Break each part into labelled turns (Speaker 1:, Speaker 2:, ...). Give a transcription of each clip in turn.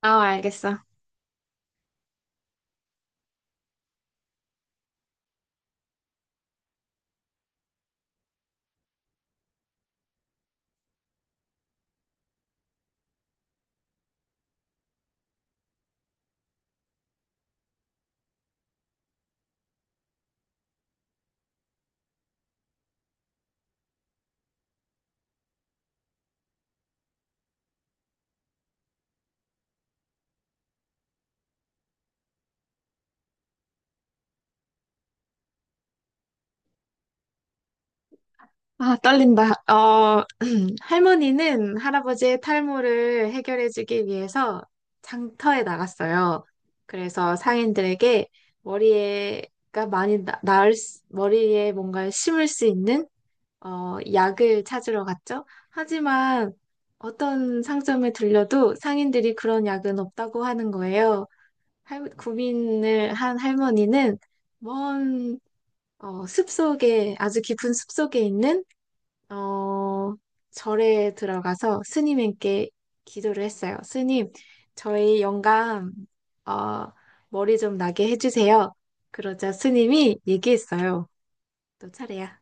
Speaker 1: 아, 알겠어. 아, 떨린다. 할머니는 할아버지의 탈모를 해결해주기 위해서 장터에 나갔어요. 그래서 상인들에게 머리에가 많이 나, 나을, 수- 머리에 뭔가 심을 수 있는 약을 찾으러 갔죠. 하지만 어떤 상점에 들려도 상인들이 그런 약은 없다고 하는 거예요. 고민을 한 할머니는 먼 아주 깊은 숲속에 있는 어, 절에 들어가서 스님께 기도를 했어요. 스님, 저희 영감, 어, 머리 좀 나게 해주세요. 그러자 스님이 얘기했어요. 너 차례야.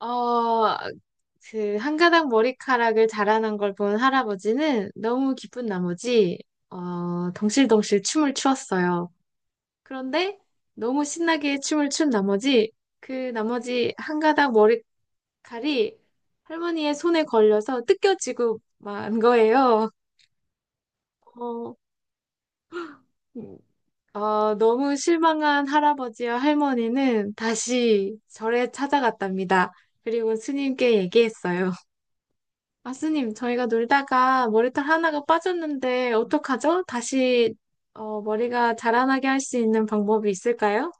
Speaker 1: 어, 그, 한 가닥 머리카락을 자라는 걸 본 할아버지는 너무 기쁜 나머지, 덩실덩실 춤을 추었어요. 그런데 너무 신나게 춤을 춘 나머지, 그 나머지 한 가닥 머리 칼이 할머니의 손에 걸려서 뜯겨지고 만 거예요. 어, 음, 너무 실망한 할아버지와 할머니는 다시 절에 찾아갔답니다. 그리고 스님께 얘기했어요. 아, 스님, 저희가 놀다가 머리털 하나가 빠졌는데 어떡하죠? 다시 머리가 자라나게 할 수 있는 방법이 있을까요?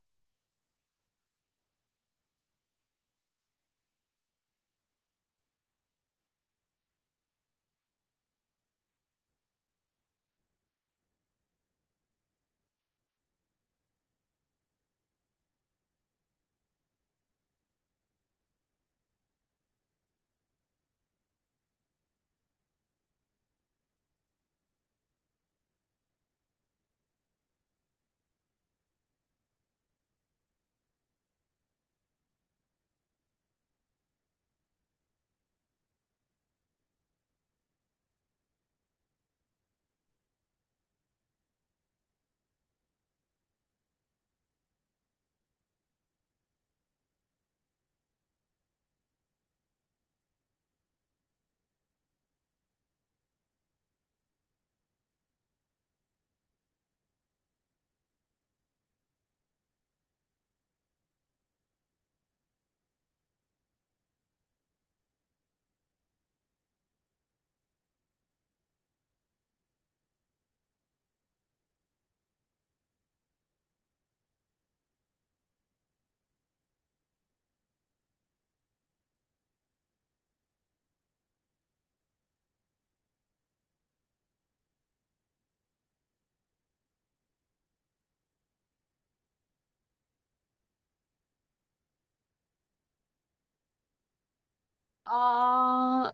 Speaker 1: 어,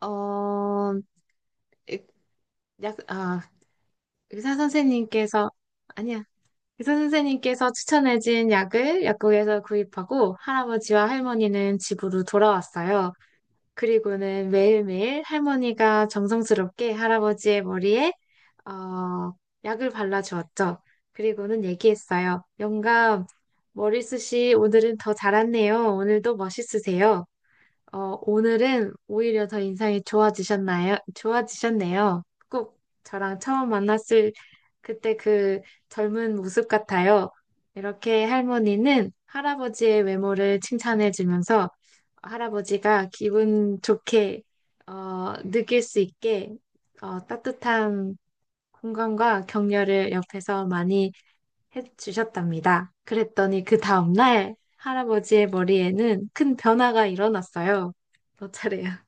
Speaker 1: 어, 약, 아, 의사 선생님께서 아니, 의사 선생님께서 추천해준 약을 약국에서 구입하고 할아버지와 할머니는 집으로 돌아왔어요. 그리고는 매일매일 할머니가 정성스럽게 할아버지의 머리에 어, 약을 발라주었죠. 그리고는 얘기했어요. 영감, 머리숱이 오늘은 더 자랐네요. 오늘도 멋있으세요. 오늘은 오히려 더 인상이 좋아지셨나요? 좋아지셨네요. 꼭 저랑 처음 만났을 그때 그 젊은 모습 같아요. 이렇게 할머니는 할아버지의 외모를 칭찬해주면서 할아버지가 기분 좋게 느낄 수 있게 따뜻한 공감과 격려를 옆에서 많이 해주셨답니다. 그랬더니 그 다음날 할아버지의 머리에는 큰 변화가 일어났어요. 너 차례야.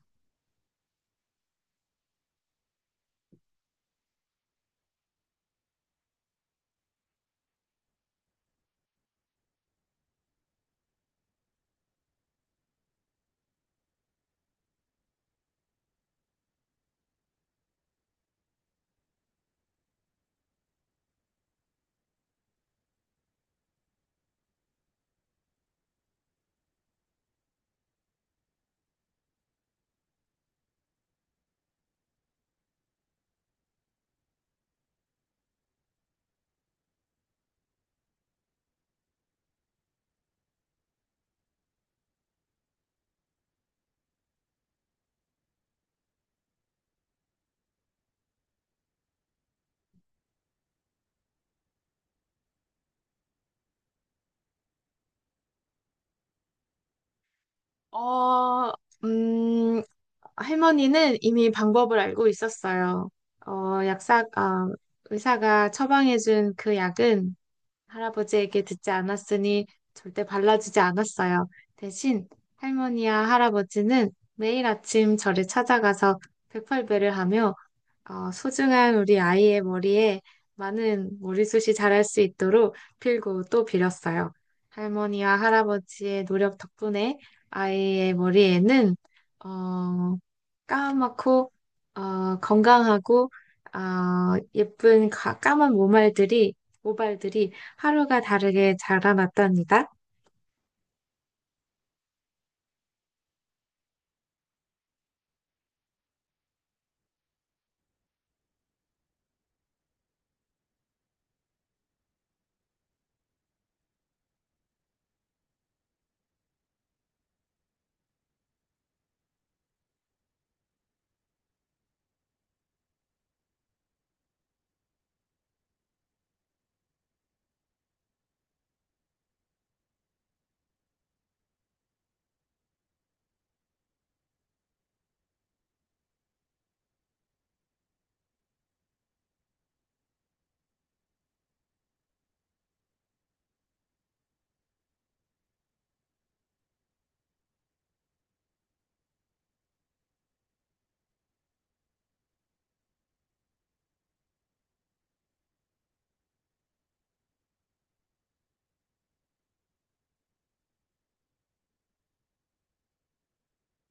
Speaker 1: 어, 음, 할머니는 이미 방법을 알고 있었어요. 어, 약사, 어, 의사가 처방해준 그 약은 할아버지에게 듣지 않았으니 절대 발라주지 않았어요. 대신 할머니와 할아버지는 매일 아침 저를 찾아가서 백팔배를 하며 소중한 우리 아이의 머리에 많은 머리숱이 자랄 수 있도록 빌고 또 빌었어요. 할머니와 할아버지의 노력 덕분에 아이의 머리에는 어, 까맣고 건강하고 어, 예쁜 까만 모발들이 모발들이 하루가 다르게 자라났답니다.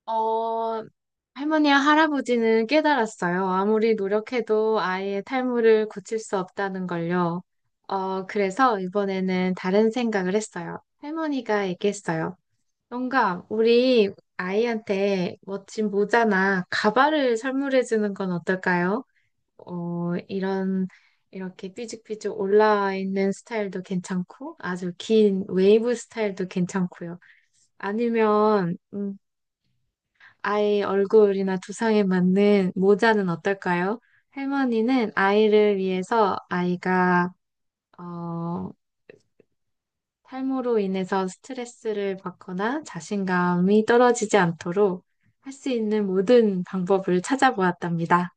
Speaker 1: 어, 할머니와 할아버지는 깨달았어요. 아무리 노력해도 아이의 탈모를 고칠 수 없다는 걸요. 그래서 이번에는 다른 생각을 했어요. 할머니가 얘기했어요. 뭔가 우리 아이한테 멋진 모자나 가발을 선물해 주는 건 어떨까요? 어, 이런 이렇게 삐죽삐죽 올라와 있는 스타일도 괜찮고 아주 긴 웨이브 스타일도 괜찮고요. 아니면 아이 얼굴이나 두상에 맞는 모자는 어떨까요? 할머니는 아이를 위해서 아이가 어, 탈모로 인해서 스트레스를 받거나 자신감이 떨어지지 않도록 할 수 있는 모든 방법을 찾아보았답니다.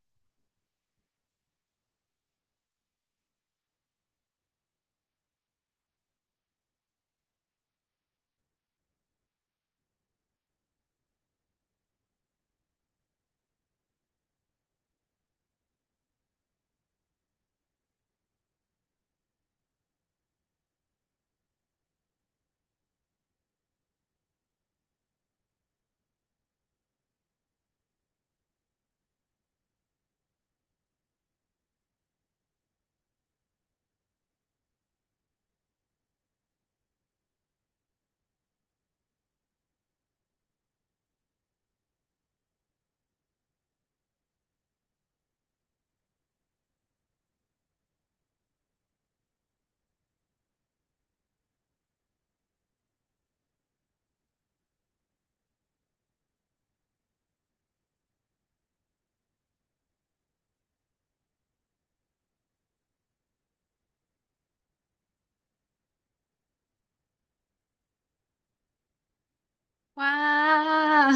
Speaker 1: 와,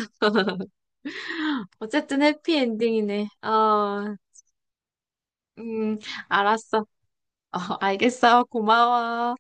Speaker 1: 어쨌든 해피엔딩이네. 음, 알았어. 알겠어. 고마워.